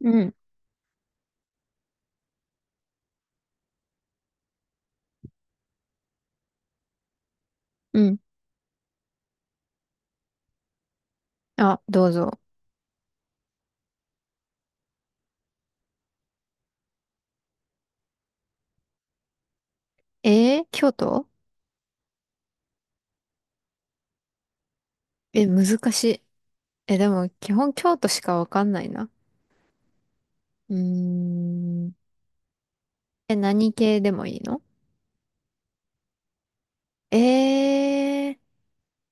うん、うん。あ、どうぞ。京都。え、難しい。え、でも、基本京都しかわかんないな。うーん。え、何系でもいいの？えー、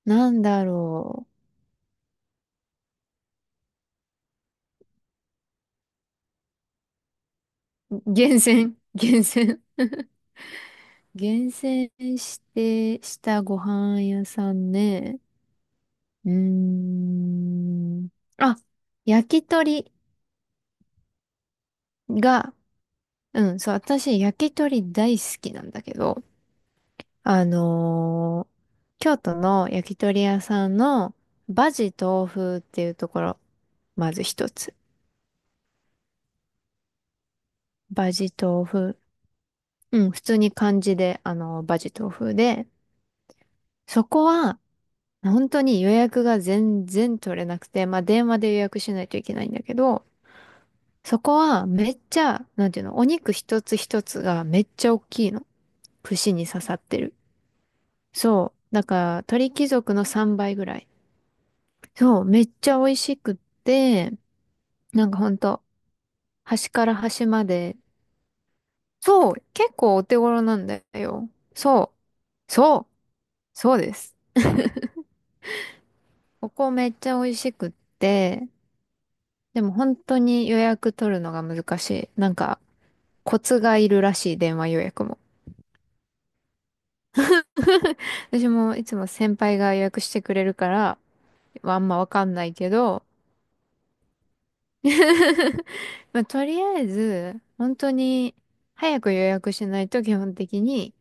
なんだろう。厳選、厳選。厳選して、したご飯屋さんね。うーん。あ、焼き鳥が、うん、そう、私、焼き鳥大好きなんだけど、あのー京都の焼き鳥屋さんのバジ豆腐っていうところ、まず一つ。バジ豆腐。うん、普通に漢字で、バジ豆腐で、そこは、本当に予約が全然取れなくて、まあ、電話で予約しないといけないんだけど、そこはめっちゃ、なんていうの、お肉一つ一つがめっちゃ大きいの。串に刺さってる。そう。だから、鳥貴族の3倍ぐらい。そう、めっちゃ美味しくって、なんかほんと、端から端まで、そう、結構お手頃なんだよ。そう、そう、そうです。ここめっちゃ美味しくって、でも本当に予約取るのが難しい。なんか、コツがいるらしい、電話予約も。私もいつも先輩が予約してくれるから、まあんまわかんないけど、まあ、とりあえず、本当に、早く予約しないと基本的に、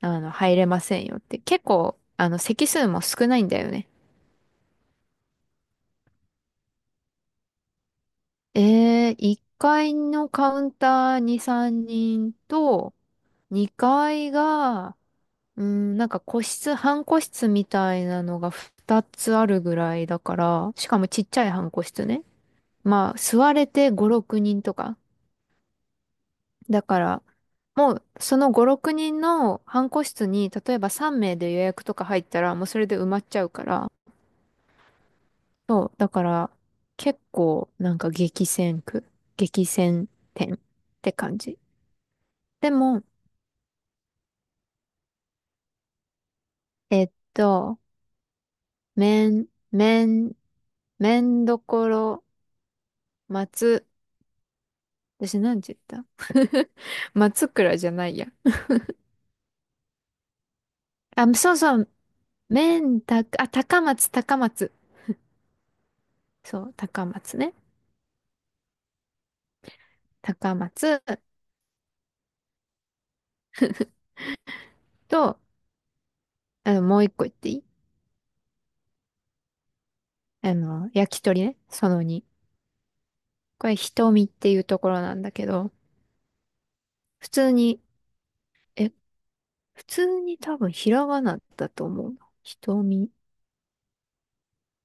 入れませんよって。結構、席数も少ないんだよね。1階のカウンターに3人と、2階が、うん、なんか個室、半個室みたいなのが2つあるぐらいだから、しかもちっちゃい半個室ね。まあ、座れて5、6人とか。だから、もう、その5、6人の半個室に、例えば3名で予約とか入ったら、もうそれで埋まっちゃうから、そう、だから、結構、なんか激戦区、激戦店って感じ。でも、えっと、めどころ、松、私なんて言った？ 松倉じゃないや。あ、そうそう、めんたあ、高松、高松。そう、高松ね。高松と、もう一個言っていい？焼き鳥ね。その2。これ、瞳っていうところなんだけど、普通に、え、普通に多分ひらがなだと思うな。瞳。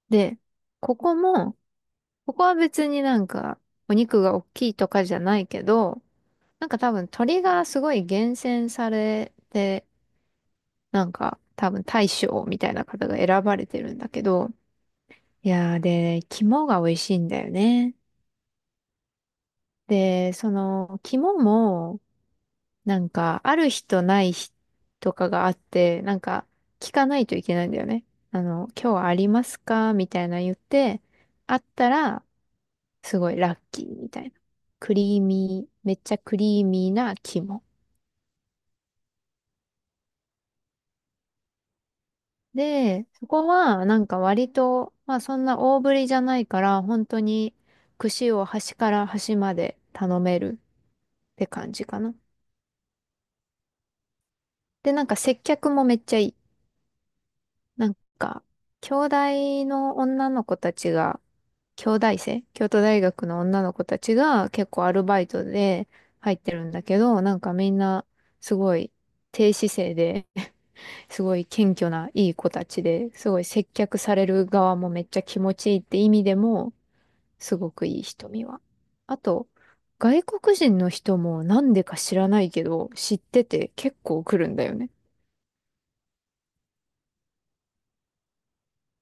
で、ここも、ここは別になんかお肉が大きいとかじゃないけど、なんか多分鳥がすごい厳選されて、なんか多分大将みたいな方が選ばれてるんだけど、いやー、で、肝が美味しいんだよね。で、その肝もなんか、ある日とない日とかがあって、なんか、聞かないといけないんだよね。今日はありますかみたいな言って、あったら、すごいラッキーみたいな。クリーミー、めっちゃクリーミーな肝。で、そこは、なんか割と、まあそんな大ぶりじゃないから、本当に串を端から端まで頼めるって感じかな。で、なんか接客もめっちゃいい。なんか、兄弟の女の子たちが、京大生、京都大学の女の子たちが結構アルバイトで入ってるんだけど、なんかみんなすごい低姿勢で、すごい謙虚ないい子たちで、すごい接客される側もめっちゃ気持ちいいって意味でも、すごくいい瞳は。あと、外国人の人もなんでか知らないけど、知ってて結構来るんだよね。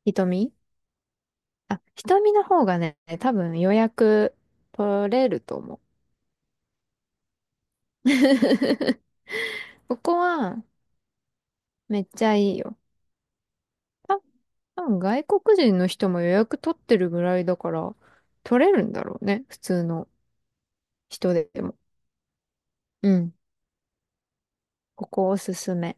瞳。あ、瞳の方がね、多分予約取れると思う。ここは、めっちゃいいよ。た多分外国人の人も予約取ってるぐらいだから、取れるんだろうね。普通の人でも。うん。ここおすすめ。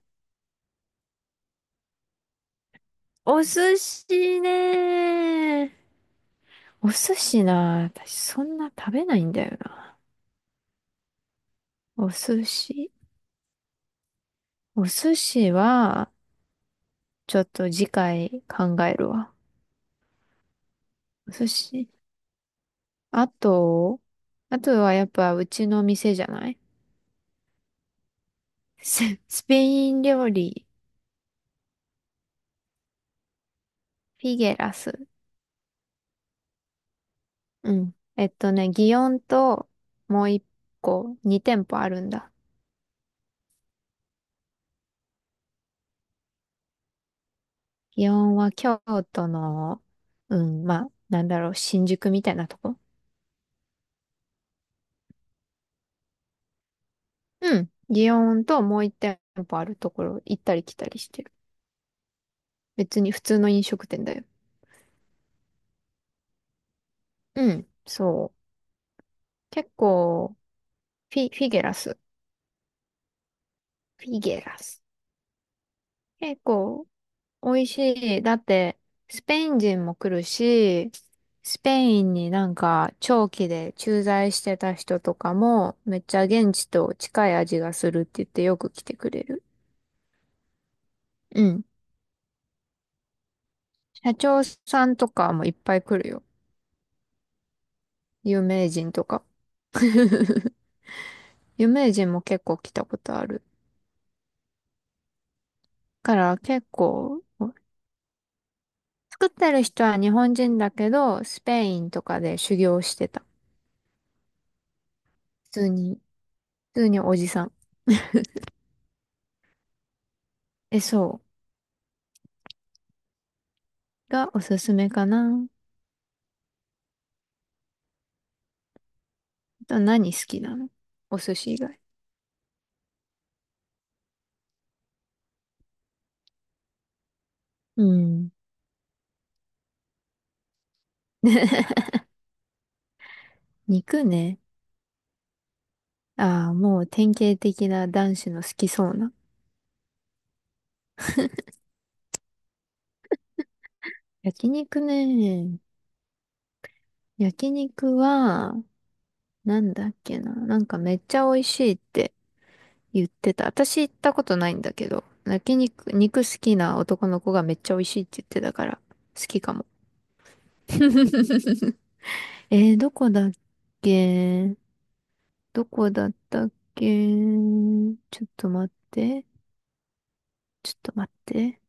お寿司ね。お寿司な、私そんな食べないんだよな。お寿司。お寿司は、ちょっと次回考えるわ。お寿司。あと、あとはやっぱうちの店じゃない？ ススペイン料理、フィゲラス。うん。祇園ともう一個、二店舗あるんだ。祇園は京都の、うん、まあ、なんだろう、新宿みたいなとこ。うん。祇園ともう一店舗あるところ行ったり来たりしてる。別に普通の飲食店だよ。うん、そう。結構、フィゲラス。フィゲラス。結構、美味しい。だって、スペイン人も来るし、スペインになんか長期で駐在してた人とかも、めっちゃ現地と近い味がするって言ってよく来てくれる。うん。社長さんとかもいっぱい来るよ。有名人とか。有名人も結構来たことある。から結構、作ってる人は日本人だけど、スペインとかで修行してた。普通に、普通におじさん。え、そう。がおすすめかな。と何好きなの？お寿司以外。うん。肉ね。ああ、もう典型的な男子の好きそうな。焼肉ね。焼肉は、なんだっけな。なんかめっちゃ美味しいって言ってた。私行ったことないんだけど、焼肉、肉好きな男の子がめっちゃ美味しいって言ってたから、好きかも。どこだっけ？どこだったっけ？ちょっと待って。ちょっと待って。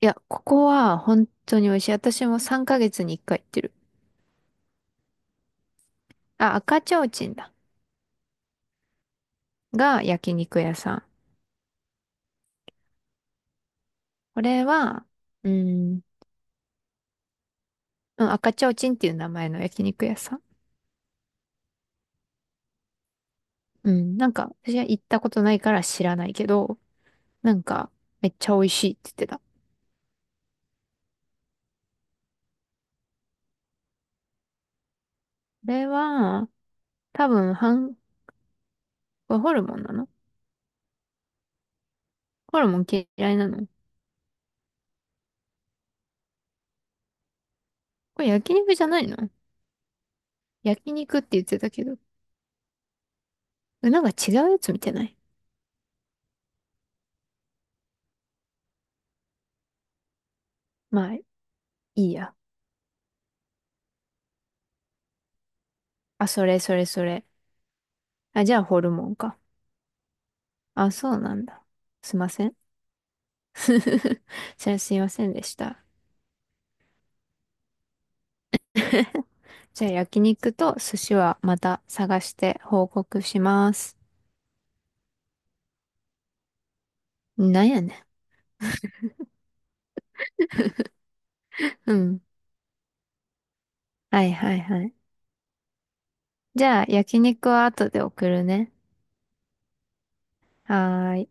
いや、ここは本当に美味しい。私も3ヶ月に1回行ってる。あ、赤ちょうちんだ。が焼肉屋さん。これは、うん、うん、赤ちょうちんっていう名前の焼肉屋さん。うん、なんか私は行ったことないから知らないけど、なんかめっちゃ美味しいって言ってた。これは、多分、これホルモンなの？ホルモン嫌いなの？これ焼肉じゃないの？焼肉って言ってたけど。え、なんか違うやつ見てない？まあ、いいや。あ、それそれそれ。あ、じゃあホルモンか。あ、そうなんだ。すいません。じゃあすいませんでした。じゃあ焼肉と寿司はまた探して報告します。なんやねん。うん。はいはいはい。じゃあ焼肉は後で送るね。はーい。